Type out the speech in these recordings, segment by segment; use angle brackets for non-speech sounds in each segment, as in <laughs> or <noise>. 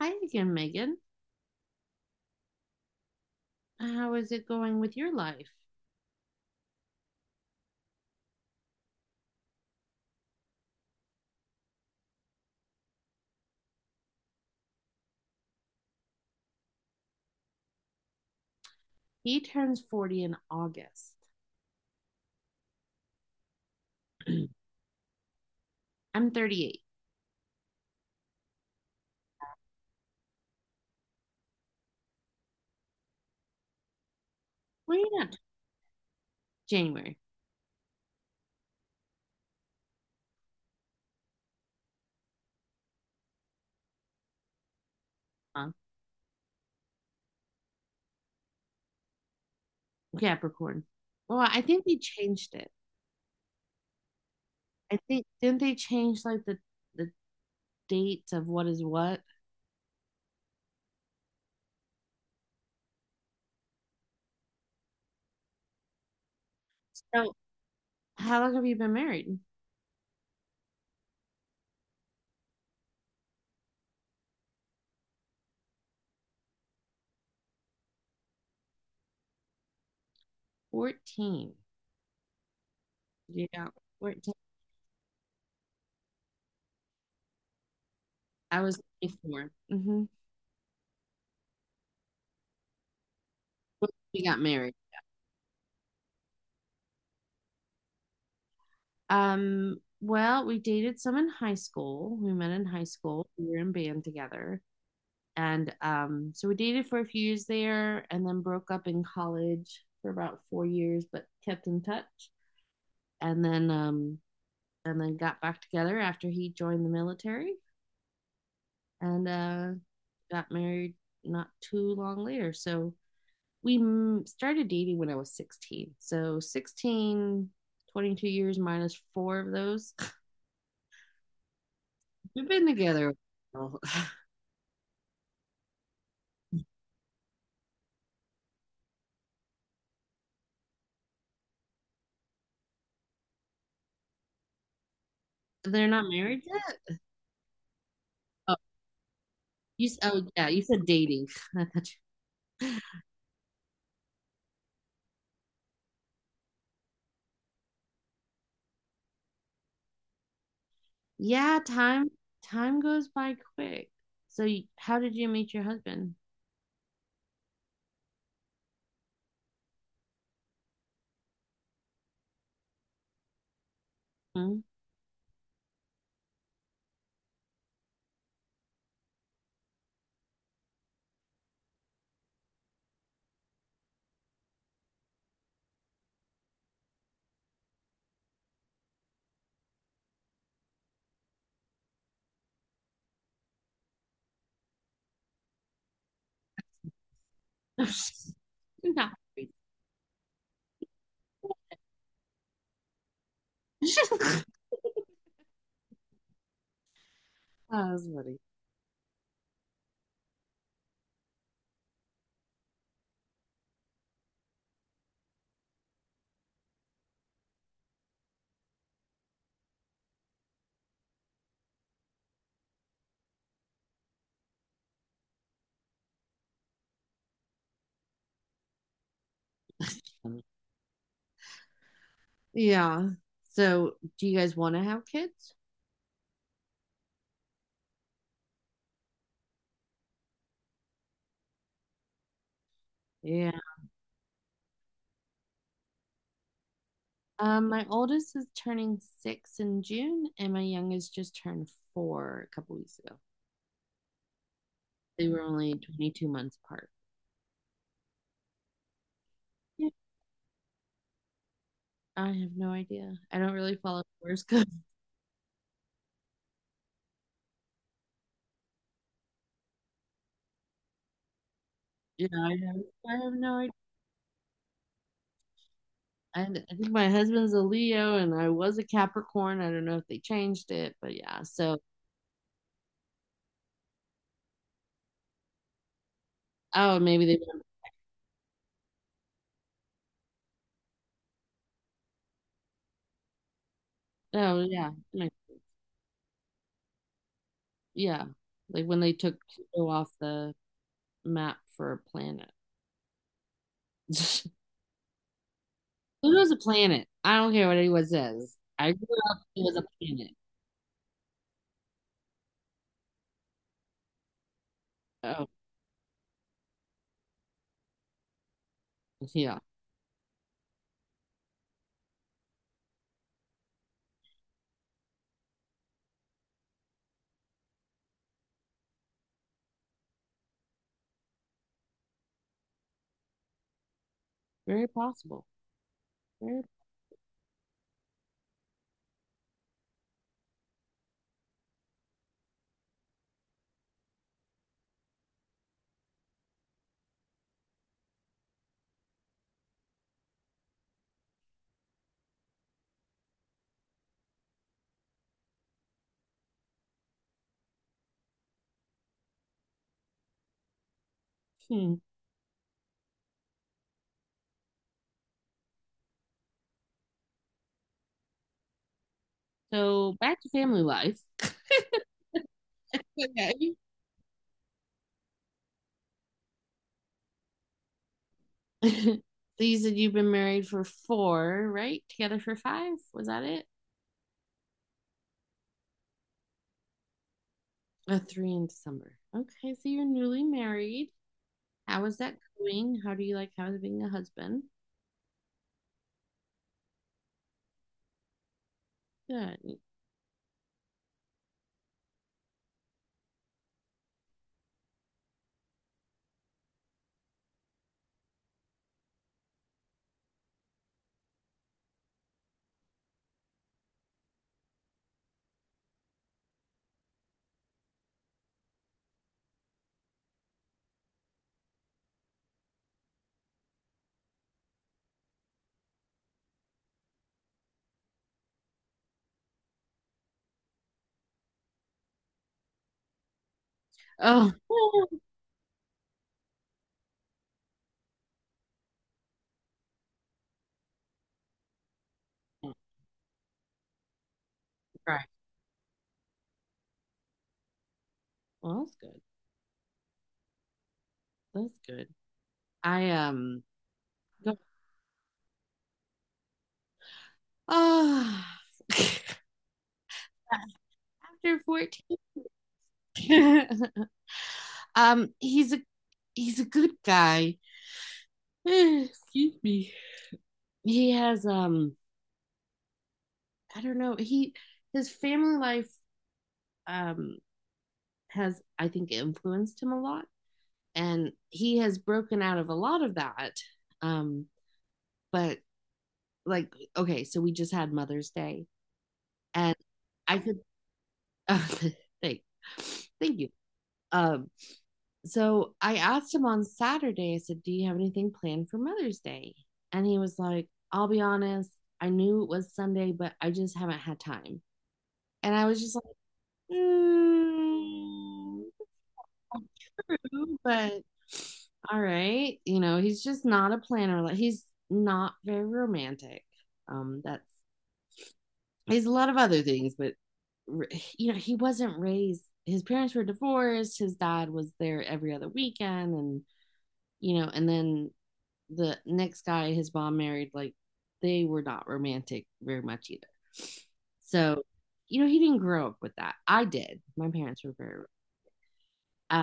Hi again, Megan. How is it going with your life? He turns 40 in August. <clears throat> I'm 38. Well, you not January, huh? Capricorn. Well, I think they changed it. I think didn't they change like the dates of what is what? So, how long have you been married? 14. Yeah, 14. I was 24. Mm-hmm. We got married. Well, we dated some in high school. We met in high school. We were in band together. And so we dated for a few years there and then broke up in college for about 4 years but kept in touch, and then got back together after he joined the military, and got married not too long later. So we started dating when I was 16, so 16, 22 years minus four of those we've been together. <laughs> They're not married yet. Oh, oh yeah, you said dating. <laughs> Yeah, time goes by quick. So how did you meet your husband? Hmm? <laughs> No. <laughs> That was funny. <laughs> Yeah. So do you guys want to have kids? Yeah. My oldest is turning six in June, and my youngest just turned four a couple weeks ago. They were only 22 months apart. Yeah, I have no idea. I don't really follow horoscopes. <laughs> Yeah, I have no idea. And I think my husband's a Leo and I was a Capricorn. I don't know if they changed it, but yeah. So, oh, maybe they, oh, yeah. Like, yeah. Like when they took Pluto off the map for a planet. <laughs> Pluto's a planet. I don't care what anyone says. I grew up, it was a planet. Oh, yeah. Very possible. Very, hmm. So, back to family life. Okay. <laughs> So you said you've been married for four, right? Together for five? Was that it? A three in December. Okay, so you're newly married. How is that going? How do you like having a husband? Good. Oh, <laughs> right. Well, that's good. That's good. I go, oh. <laughs> After 14. <laughs> He's a good guy. <sighs> Excuse me. He has I don't know, he his family life um has I think influenced him a lot. And he has broken out of a lot of that, um but like, okay, so we just had Mother's Day. And I could uh, <laughs> thank thank you. um so I asked him on Saturday, I said, do you have anything planned for Mother's Day? And he was like, I'll be honest, I knew it was Sunday, but I just haven't had time. And I was just like, mm, true, but all right. He's just not a planner. Like he's not very romantic. That's he's a lot of other things, but r- he wasn't raised. His parents were divorced. His dad was there every other weekend, and then the next guy his mom married, like they were not romantic very much either. So, he didn't grow up with that. I did. My parents were very, uh,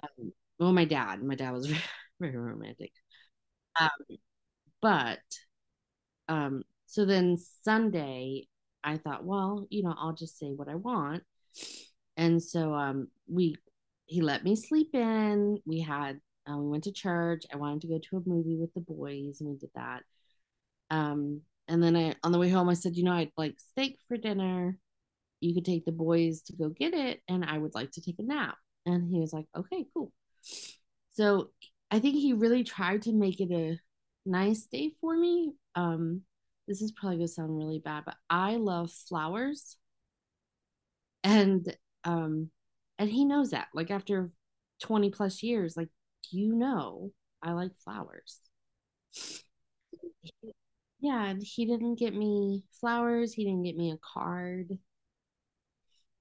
well, my dad. My dad was <laughs> very romantic. Uh, but so then Sunday, I thought, well, I'll just say what I want. And so he let me sleep in. We went to church. I wanted to go to a movie with the boys, and we did that. Um, and then on the way home, I said, I'd like steak for dinner. You could take the boys to go get it, and I would like to take a nap. And he was like, okay, cool. So I think he really tried to make it a nice day for me. This is probably gonna sound really bad, but I love flowers, and um and he knows that. Like after 20 plus years, like you know I like flowers. He- yeah, and he didn't get me flowers, he didn't get me a card.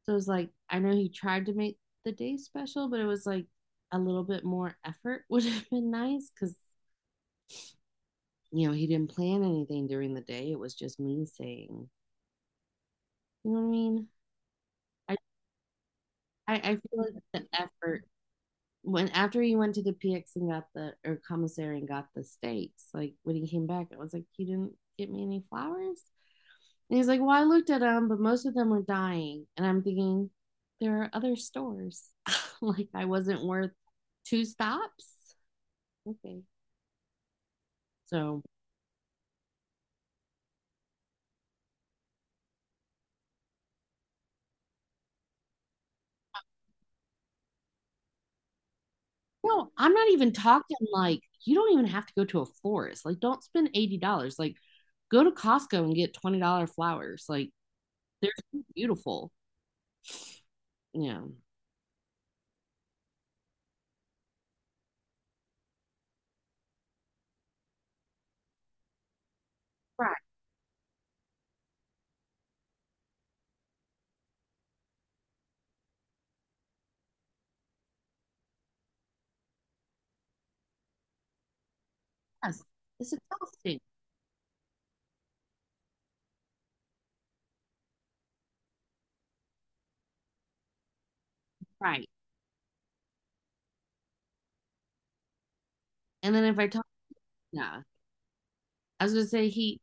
So it was like, I know he tried to make the day special, but it was like a little bit more effort <laughs> would have been nice because, he didn't plan anything during the day. It was just me saying, you know what I mean? I, I feel like the effort when after he went to the PX and got the or commissary and got the steaks, like when he came back, I was like, you didn't get me any flowers? And he's like, well, I looked at them, but most of them were dying. And I'm thinking, there are other stores. <laughs> Like I wasn't worth two stops. Okay. So, no, I'm not even talking like you don't even have to go to a florist. Like, don't spend $80. Like, go to Costco and get $20 flowers. Like, they're so beautiful. Yeah. Right. Yes. It's exhausting. Right. And then if I talk, yeah, I was going to say,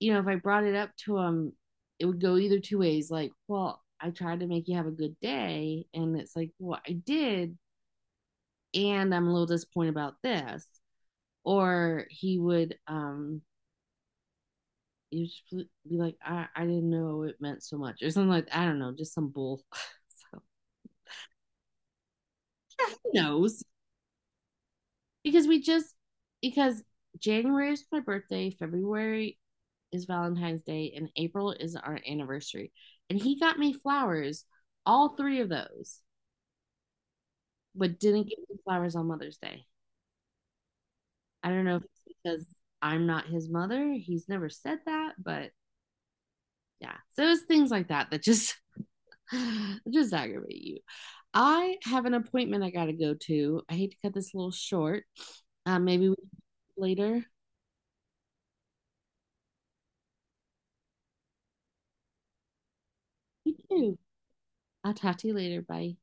if I brought it up to him, it would go either two ways. Like, well, I tried to make you have a good day. And it's like, well, I did. And I'm a little disappointed about this. Or he would, you just be like, I didn't know it meant so much, or something like that. I don't know, just some bull. <laughs> So, yeah, who knows? Because we just because January is my birthday, February is Valentine's Day, and April is our anniversary. And he got me flowers, all three of those, but didn't give me flowers on Mother's Day. I don't know if it's because I'm not his mother. He's never said that, but yeah. So it's things like that that just <laughs> just aggravate you. I have an appointment I gotta go to. I hate to cut this a little short. Maybe we later. You too. I'll talk to you later. Bye.